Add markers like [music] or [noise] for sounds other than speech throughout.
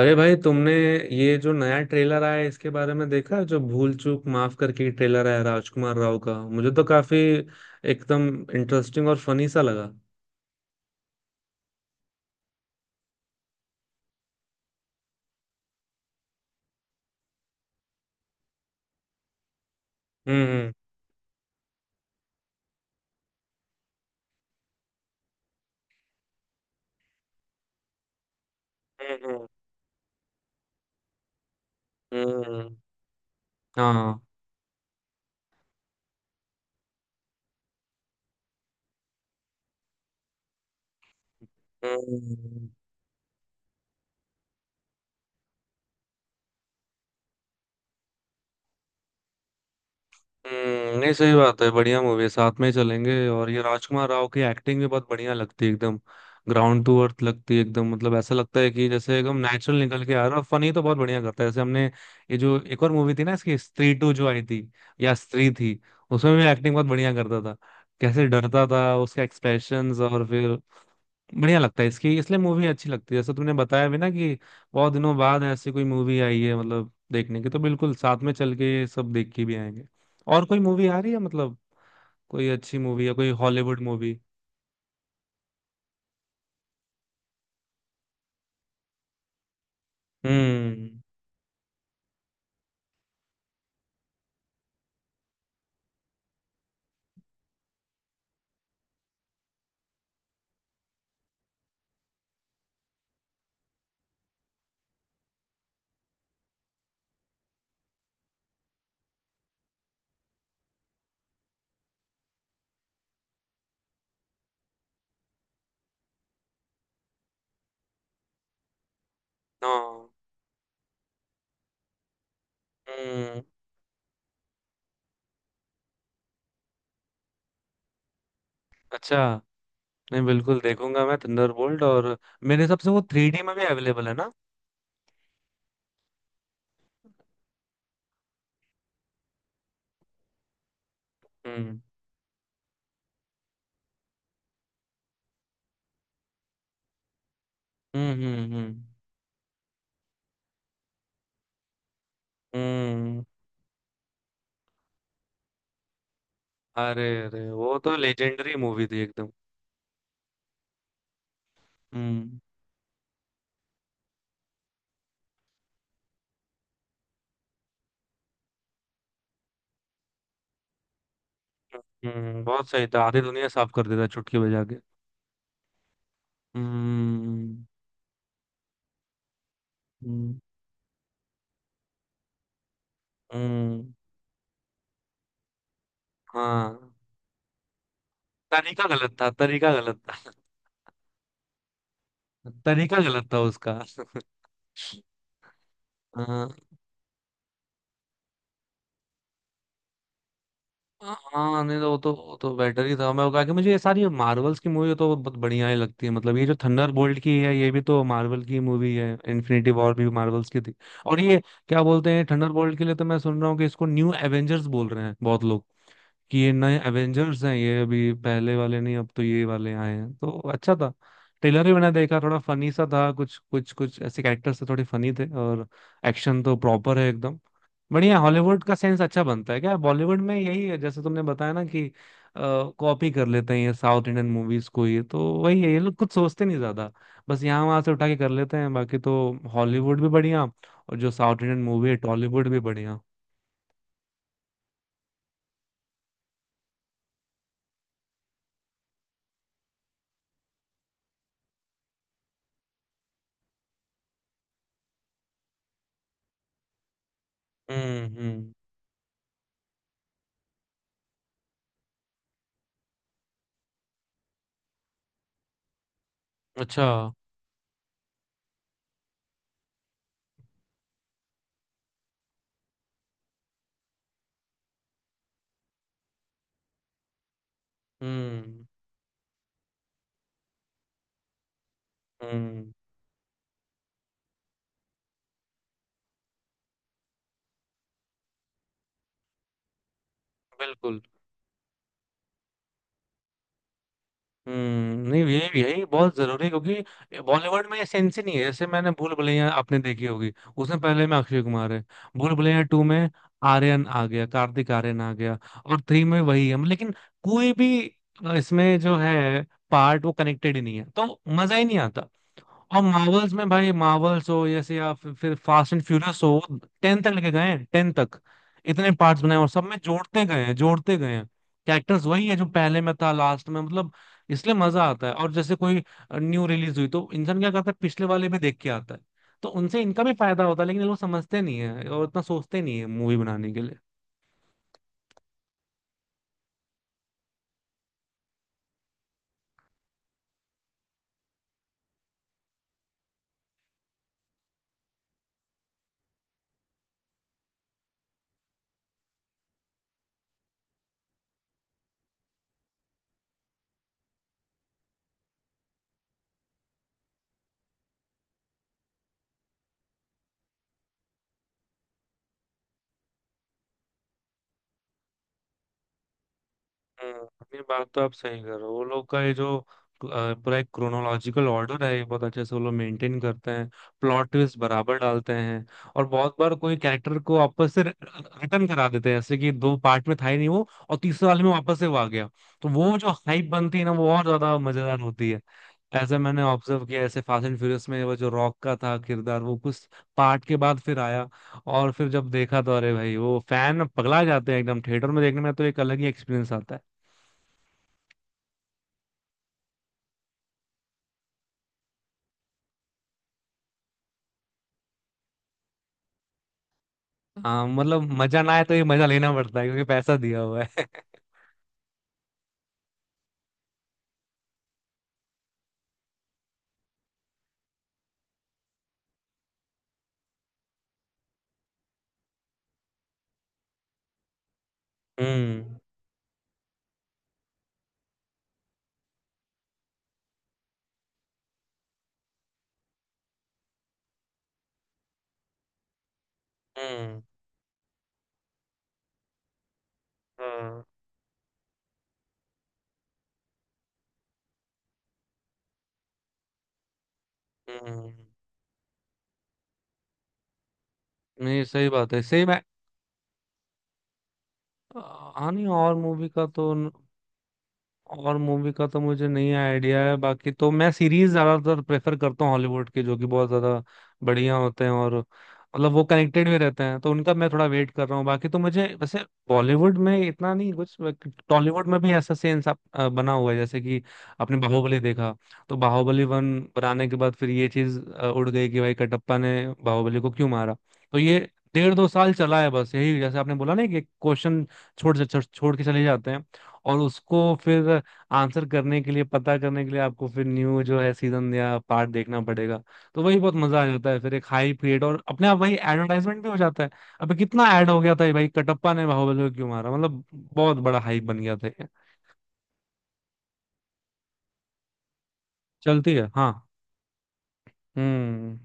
अरे भाई, तुमने ये जो नया ट्रेलर आया है, इसके बारे में देखा है? जो भूल चूक माफ करके ट्रेलर आया राजकुमार राव का। मुझे तो काफी एकदम इंटरेस्टिंग और फनी सा लगा। हम्म। हम्म। हम्म, हम्म, हम्म, हाँ, हम्म, नहीं, सही बात है। बढ़िया मूवी है, साथ में ही चलेंगे। और ये राजकुमार राव की एक्टिंग भी बहुत बढ़िया लगती है, एकदम ग्राउंड टू अर्थ लगती है एकदम। मतलब ऐसा लगता है कि जैसे एकदम नेचुरल निकल के आ रहा है। फनी तो बहुत बढ़िया करता है, जैसे हमने ये जो एक और मूवी थी ना, इसकी स्त्री 2 जो आई थी, या स्त्री थी, उसमें भी एक्टिंग बहुत बढ़िया करता था। कैसे डरता था उसका एक्सप्रेशंस, और फिर बढ़िया लगता है इसकी, इसलिए मूवी अच्छी लगती है। जैसे तुमने बताया भी ना कि बहुत दिनों बाद ऐसी कोई मूवी आई है मतलब देखने की, तो बिल्कुल साथ में चल के ये सब देख के भी आएंगे। और कोई मूवी आ रही है मतलब? कोई अच्छी मूवी या कोई हॉलीवुड मूवी? हम्म। हाँ। हम्म। अच्छा। नहीं, बिल्कुल देखूंगा मैं थंडरबोल्ट। और मेरे हिसाब से वो 3D में भी अवेलेबल है ना? हम्म। हम्म। हम्म। हम्म। हम्म। अरे, अरे, वो तो लेजेंडरी मूवी थी एकदम। हम्म बहुत सही था, आधी दुनिया साफ कर देता चुटकी बजा के। हम्म। हम्म। हम्म, हाँ। तरीका गलत था, तरीका गलत था। तरीका गलत था उसका। हाँ, हाँ, नहीं तो वो तो बेटर ही था। मैं वो कहा कि मुझे ये सारी मार्वल्स की मूवी तो बहुत बढ़िया ही लगती है। मतलब ये जो थंडर बोल्ट की है, ये भी तो मार्वल की मूवी है। इन्फिनिटी वॉर भी मार्वल्स की थी। और ये क्या बोलते हैं थंडर बोल्ट के लिए, तो मैं सुन रहा हूँ कि इसको न्यू एवेंजर्स बोल रहे हैं बहुत लोग। कि ये नए एवेंजर्स हैं, ये अभी पहले वाले नहीं, अब तो ये वाले आए हैं, तो अच्छा था। ट्रेलर भी मैंने देखा, थोड़ा फनी सा था। कुछ कुछ कुछ ऐसे कैरेक्टर्स थे, थोड़े फनी थे। और एक्शन तो प्रॉपर है एकदम, बढ़िया। हॉलीवुड का सेंस अच्छा बनता है। क्या बॉलीवुड में यही है? जैसे तुमने बताया ना कि कॉपी कर लेते हैं ये साउथ इंडियन मूवीज को। ये तो वही है, ये लोग कुछ सोचते नहीं ज्यादा, बस यहाँ वहां से उठा के कर लेते हैं। बाकी तो हॉलीवुड भी बढ़िया, और जो साउथ इंडियन मूवी है टॉलीवुड भी बढ़िया। हम्म। हम्म। अच्छा। हम्म। हम्म। बिल्कुल। नहीं, यही यही बहुत जरूरी है, क्योंकि बॉलीवुड में ये सेंस ही नहीं है। जैसे मैंने भूल भुलैया आपने देखी होगी, उसमें पहले में अक्षय कुमार है, भूल भुलैया 2 में आर्यन आ गया, कार्तिक आर्यन आ गया। और 3 में वही है, लेकिन कोई भी इसमें जो है पार्ट वो कनेक्टेड ही नहीं है, तो मजा ही नहीं आता। और मार्वल्स में भाई, मार्वल्स हो जैसे, या फिर फास्ट एंड फ्यूरियस हो, 10 तक लेके गए हैं, 10 तक। इतने पार्ट्स बनाए और सब में जोड़ते गए हैं, जोड़ते गए हैं। कैरेक्टर्स वही है जो पहले में था, लास्ट में, मतलब इसलिए मजा आता है। और जैसे कोई न्यू रिलीज हुई तो इंसान क्या करता है, पिछले वाले में देख के आता है। तो उनसे इनका भी फायदा होता है, लेकिन ये लोग समझते नहीं है और इतना सोचते नहीं है मूवी बनाने के लिए। हम्म, ये बात तो आप सही कर रहे हो। वो लोग का ये जो पूरा एक क्रोनोलॉजिकल ऑर्डर है, ये बहुत अच्छे से वो लोग मेंटेन करते हैं। प्लॉट ट्विस्ट बराबर डालते हैं। और बहुत बार कोई कैरेक्टर को वापस से रिटर्न करा देते हैं, जैसे कि 2 पार्ट में था ही नहीं वो, और तीसरे वाले में वापस से वो आ गया। तो वो जो हाइप बनती है ना, वो और ज्यादा मजेदार होती है। ऐसा मैंने ऑब्जर्व किया। ऐसे फास्ट एंड फ्यूरियस में वो जो रॉक का था किरदार, वो कुछ पार्ट के बाद फिर आया। और फिर जब देखा तो अरे भाई, वो फैन पगला जाते हैं एकदम। थिएटर में देखने में तो एक अलग ही एक्सपीरियंस आता है। हाँ, मतलब मजा ना आए तो ये मजा लेना पड़ता है, क्योंकि पैसा दिया हुआ है। [laughs] हम्म। हम्म। हाँ। हम्म। नहीं, सही बात है, सही। मैं, हाँ, नहीं, और मूवी का तो मुझे नहीं आइडिया है। बाकी तो मैं सीरीज ज्यादातर प्रेफर करता हूँ हॉलीवुड के, जो कि बहुत ज्यादा बढ़िया होते हैं। और मतलब वो कनेक्टेड भी रहते हैं, तो उनका मैं थोड़ा वेट कर रहा हूँ। बाकी तो मुझे वैसे बॉलीवुड में इतना नहीं कुछ। टॉलीवुड में भी ऐसा सेंस आप बना हुआ है, जैसे कि आपने बाहुबली देखा। तो बाहुबली 1 बनाने के बाद फिर ये चीज उड़ गई कि भाई, कटप्पा ने बाहुबली को क्यों मारा। तो ये डेढ़ दो साल चला है बस यही, जैसे आपने बोला ना कि क्वेश्चन छोड़ छोड़ के चले जाते हैं। और उसको फिर आंसर करने के लिए, पता करने के लिए आपको फिर न्यू जो है सीजन या पार्ट देखना पड़ेगा। तो वही बहुत मजा आ जाता है फिर, एक हाई पीरियड, और अपने आप वही एडवर्टाइजमेंट भी हो जाता है। अबे, कितना ऐड हो गया था ये, भाई कटप्पा ने बाहुबली को क्यों मारा, मतलब बहुत बड़ा हाइप बन गया था ये। चलती है, हाँ। हम्म।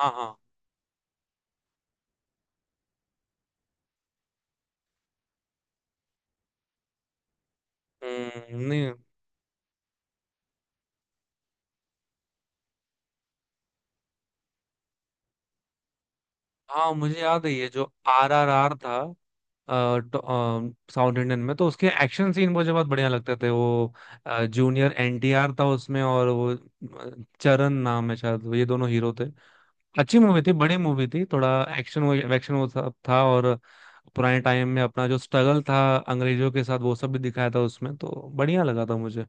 हाँ। हाँ। हम्म। नहीं। हाँ, मुझे याद है, ये जो RRR था साउथ इंडियन में, तो उसके एक्शन सीन मुझे बहुत बढ़िया लगते थे वो। जूनियर एनटीआर था उसमें, और वो चरण नाम है शायद, ये दोनों हीरो थे। अच्छी मूवी थी, बड़ी मूवी थी थोड़ा। एक्शन, एक्शन, वो सब था। और पुराने टाइम में अपना जो स्ट्रगल था अंग्रेजों के साथ, वो सब भी दिखाया था उसमें, तो बढ़िया लगा था मुझे।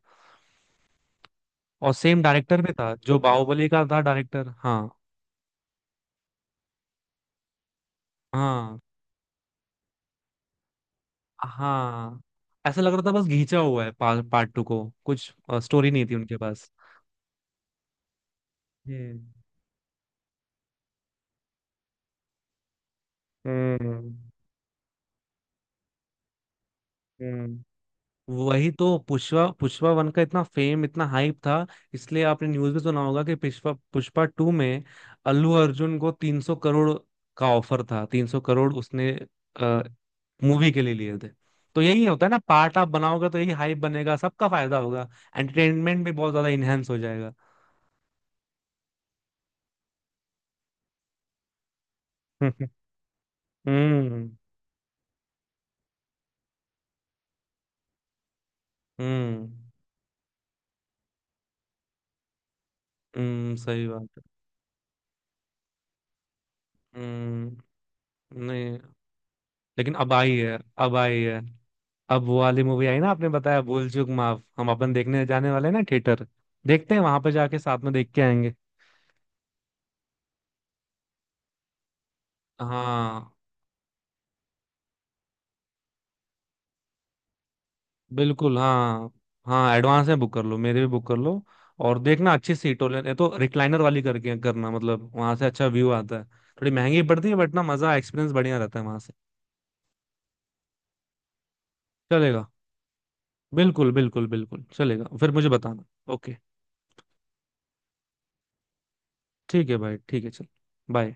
और सेम डायरेक्टर भी था जो बाहुबली का था, डायरेक्टर। हाँ। हाँ। हाँ, ऐसा लग रहा था बस घींचा हुआ है पार्ट 2 को कुछ। स्टोरी नहीं थी उनके पास। हम्म। हम्म। हम्म। वही तो पुष्पा पुष्पा 1 का इतना फेम, इतना हाइप था। इसलिए आपने न्यूज में सुना होगा कि पुष्पा पुष्पा 2 में अल्लू अर्जुन को 300 करोड़ का ऑफर था। 300 करोड़ उसने मूवी के लिए लिए थे। तो यही होता है ना, पार्ट आप बनाओगे तो यही हाइप बनेगा, सबका फायदा होगा। एंटरटेनमेंट भी बहुत ज्यादा इनहेंस हो जाएगा। [laughs] हम्म। हम्म। हम्म। सही बात है। हम्म नहीं, लेकिन अब आई है, अब आई है। अब वो वाली मूवी आई ना, आपने बताया भूल चूक माफ। हम अपन देखने जाने वाले हैं ना थिएटर, देखते हैं वहां पे जाके साथ में देख के आएंगे। हाँ। बिल्कुल, हाँ। हाँ, एडवांस में बुक कर लो, मेरे भी बुक कर लो। और देखना अच्छी सीट हो लेने तो, रिक्लाइनर वाली करके करना, मतलब वहां से अच्छा व्यू आता है। थोड़ी महंगी पड़ती है बट ना, मजा, एक्सपीरियंस बढ़िया रहता है वहां से। चलेगा। बिल्कुल, बिल्कुल, बिल्कुल चलेगा, फिर मुझे बताना। ओके। ठीक है भाई, ठीक है, चल। बाय।